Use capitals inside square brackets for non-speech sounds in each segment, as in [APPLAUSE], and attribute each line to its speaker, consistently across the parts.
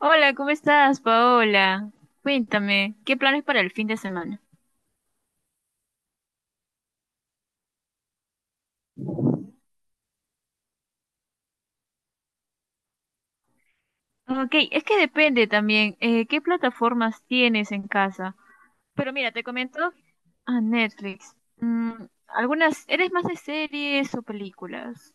Speaker 1: Hola, ¿cómo estás, Paola? Cuéntame, ¿qué planes para el fin de semana? Ok, es que depende también, ¿qué plataformas tienes en casa? Pero mira, te comento a Netflix. Algunas, ¿eres más de series o películas?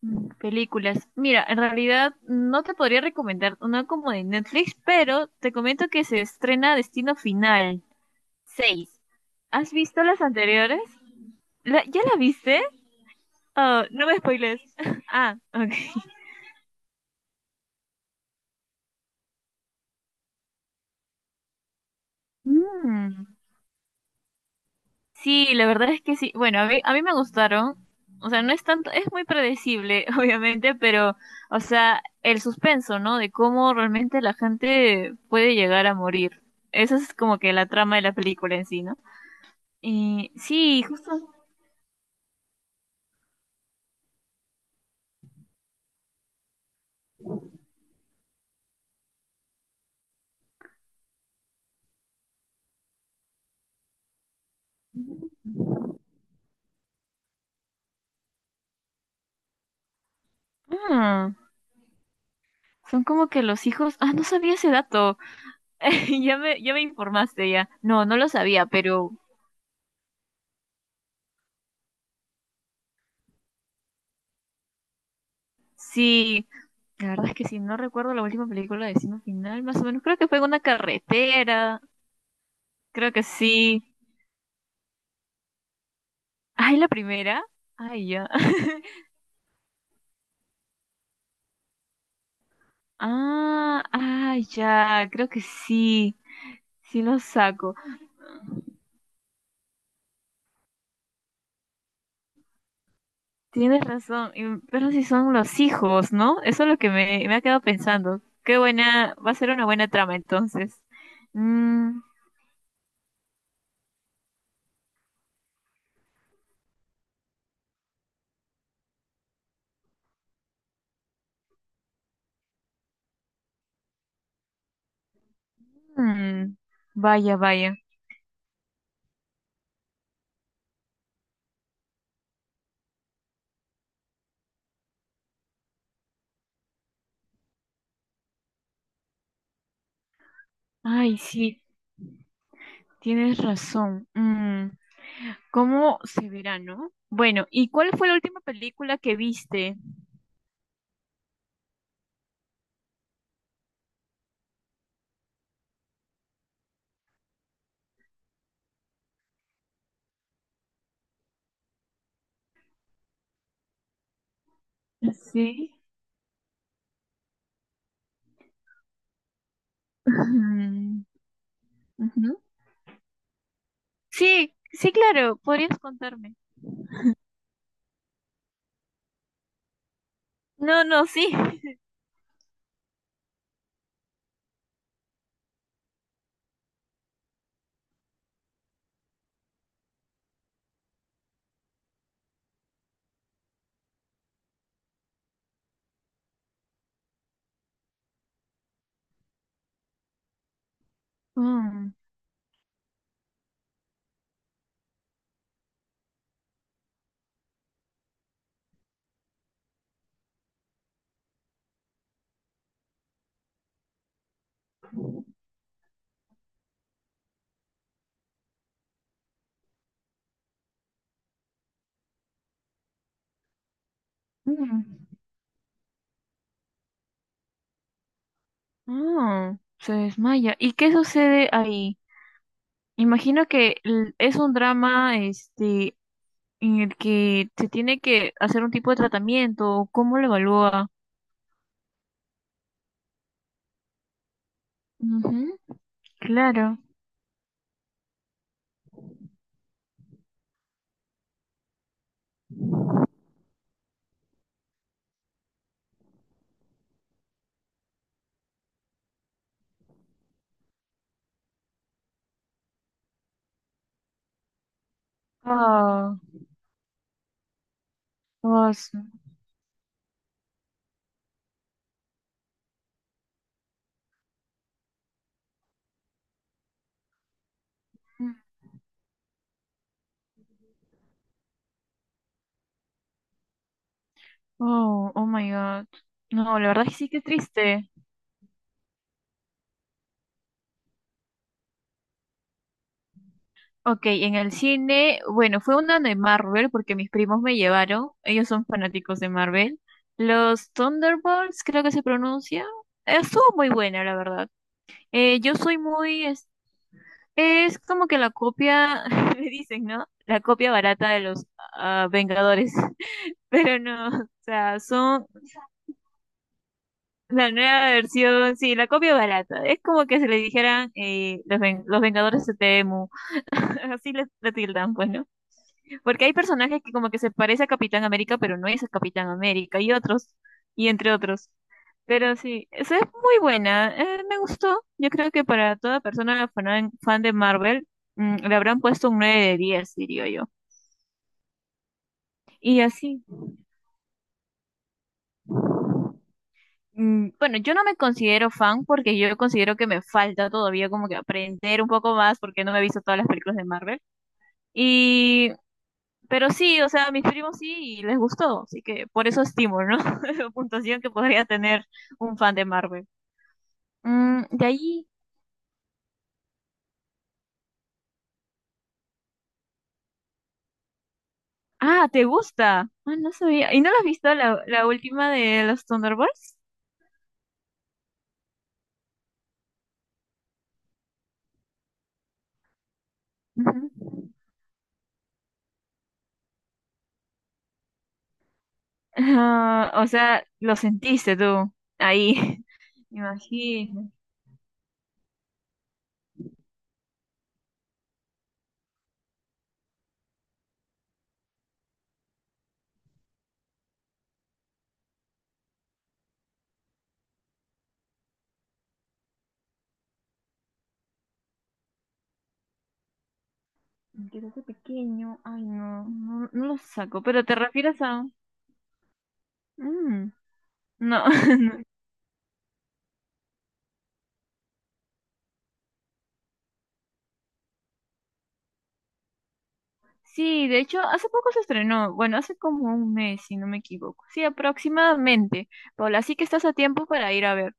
Speaker 1: Películas. Mira, en realidad no te podría recomendar una como de Netflix, pero te comento que se estrena Destino Final seis. ¿Has visto las anteriores? ¿Ya la viste? Oh, no me spoiles. [LAUGHS] Ah, ok. Mm. Sí, la verdad es que sí. Bueno, a mí me gustaron. O sea, no es tanto, es muy predecible, [LAUGHS] obviamente, pero, o sea, el suspenso, ¿no? De cómo realmente la gente puede llegar a morir. Esa es como que la trama de la película en sí, ¿no? Y sí, justo. mm, son como que los hijos. Ah, no sabía ese dato. [LAUGHS] Ya me informaste ya. No, no lo sabía, pero sí. La verdad es que sí, no recuerdo la última película de Destino Final, más o menos. Creo que fue en una carretera. Creo que sí. Ay, la primera. Ay, ya. [LAUGHS] Ah, ah, ya. Creo que sí. Sí lo saco. Tienes razón. Pero si son los hijos, ¿no? Eso es lo que me ha quedado pensando. Qué buena. Va a ser una buena trama entonces. Mm, mm, vaya, vaya. Ay, sí. Tienes razón. ¿Cómo se verá, no? Bueno, ¿y cuál fue la última película que viste? Sí. [LAUGHS] Ujú. Sí, sí, claro, podrías contarme. No, no, sí. Mm, mm, se desmaya. ¿Y qué sucede ahí? Imagino que es un drama, este, en el que se tiene que hacer un tipo de tratamiento. O ¿cómo lo evalúa? Ujú, claro. Ah, ah. Oh, oh my God. No, la verdad es que sí, que triste. Ok, en el cine, bueno, fue una de Marvel porque mis primos me llevaron, ellos son fanáticos de Marvel. Los Thunderbolts, creo que se pronuncia. Estuvo muy buena, la verdad. Yo soy muy. Es como que la copia, [LAUGHS] me dicen, ¿no? La copia barata de los Vengadores. [LAUGHS] Pero no, o sea, son la nueva versión, sí, la copia barata. Es como que se le dijeran los Vengadores de Temu. [LAUGHS] Así le tildan, bueno. Porque hay personajes que como que se parece a Capitán América, pero no es el Capitán América, y otros, y entre otros. Pero sí, esa es muy buena, me gustó. Yo creo que para toda persona fan, fan de Marvel, le habrán puesto un 9 de 10, diría yo. Y así, bueno, yo no me considero fan porque yo considero que me falta todavía como que aprender un poco más porque no me he visto todas las películas de Marvel. Y Pero sí, o sea, a mis primos sí y les gustó, así que por eso estimo, ¿no? [LAUGHS] Puntuación que podría tener un fan de Marvel. De ahí. Ah, ¿te gusta? Ah, no sabía. ¿Y no la has visto la última de los Thunderbolts? Ujú. Ah, o sea, lo sentiste tú ahí. [LAUGHS] Imagino. Creo que pequeño. Ay, no, no, no lo saco. Pero te refieres a. Mm, no, [LAUGHS] no. Sí, de hecho, hace poco se estrenó, bueno, hace como un mes, si no me equivoco. Sí, aproximadamente. Paula, así que estás a tiempo para ir a ver.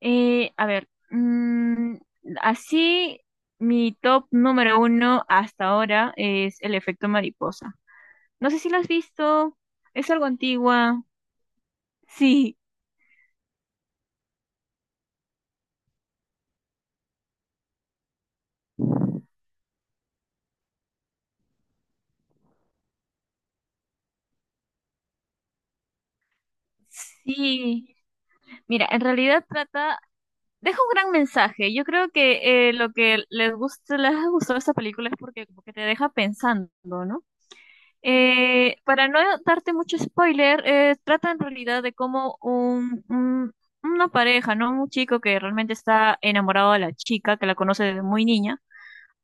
Speaker 1: A ver, así mi top número uno hasta ahora es El efecto mariposa. No sé si la has visto, es algo antigua. Sí, sí. Mira, en realidad trata, deja un gran mensaje. Yo creo que lo que les gusta, les ha gustado esta película es porque como que te deja pensando, ¿no? Para no darte mucho spoiler, trata en realidad de cómo un, una pareja, ¿no? Un chico que realmente está enamorado de la chica, que la conoce desde muy niña,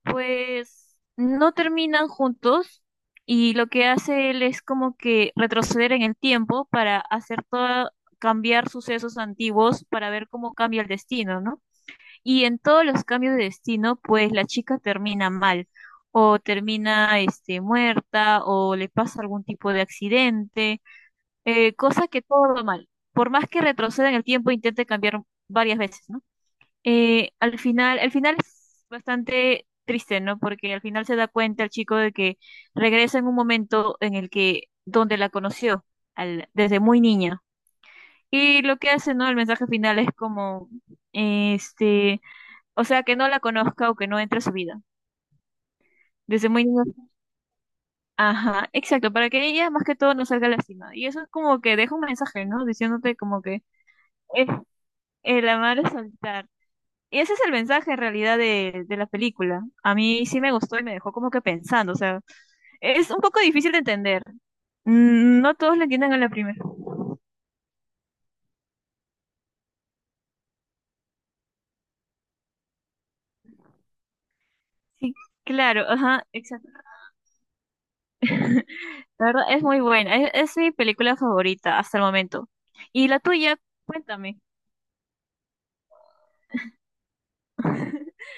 Speaker 1: pues no terminan juntos y lo que hace él es como que retroceder en el tiempo para hacer todo, cambiar sucesos antiguos para ver cómo cambia el destino, ¿no? Y en todos los cambios de destino, pues la chica termina mal, o termina este, muerta, o le pasa algún tipo de accidente, cosa que todo va mal. Por más que retroceda en el tiempo, intente cambiar varias veces, ¿no? Al final, el final es bastante triste, ¿no? Porque al final se da cuenta el chico de que regresa en un momento en el que, donde la conoció, desde muy niña. Y lo que hace, ¿no? El mensaje final es como, este, o sea, que no la conozca o que no entre a su vida. Desde muy niño. Ajá, exacto, para que ella más que todo no salga lastimada. Y eso es como que deja un mensaje, ¿no? Diciéndote como que es el amar es saltar. Y ese es el mensaje en realidad de la película. A mí sí me gustó y me dejó como que pensando. O sea, es un poco difícil de entender. No todos lo entienden a la primera. Sí, claro, ajá, exacto. [LAUGHS] La verdad es muy buena. Es mi película favorita hasta el momento. Y la tuya, cuéntame. [LAUGHS]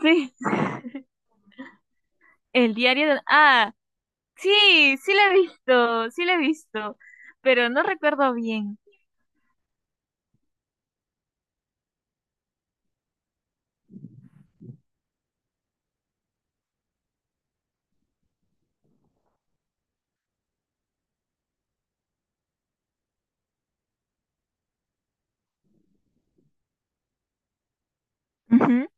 Speaker 1: Sí, el diario de. Ah, sí, sí la he visto, sí la he visto, pero no recuerdo bien. Ujú.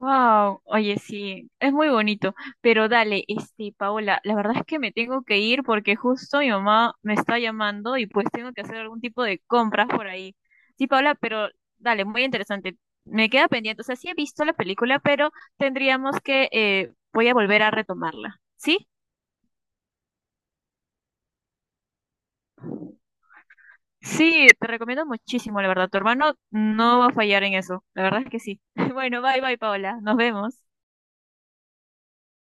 Speaker 1: Wow, oye, sí, es muy bonito, pero dale, este, Paola, la verdad es que me tengo que ir porque justo mi mamá me está llamando y pues tengo que hacer algún tipo de compras por ahí. Sí, Paola, pero dale, muy interesante. Me queda pendiente, o sea, sí he visto la película, pero tendríamos que, voy a volver a retomarla, ¿sí? Sí, te recomiendo muchísimo, la verdad. Tu hermano no va a fallar en eso. La verdad es que sí. [LAUGHS] Bueno, bye, bye, Paola. Nos vemos.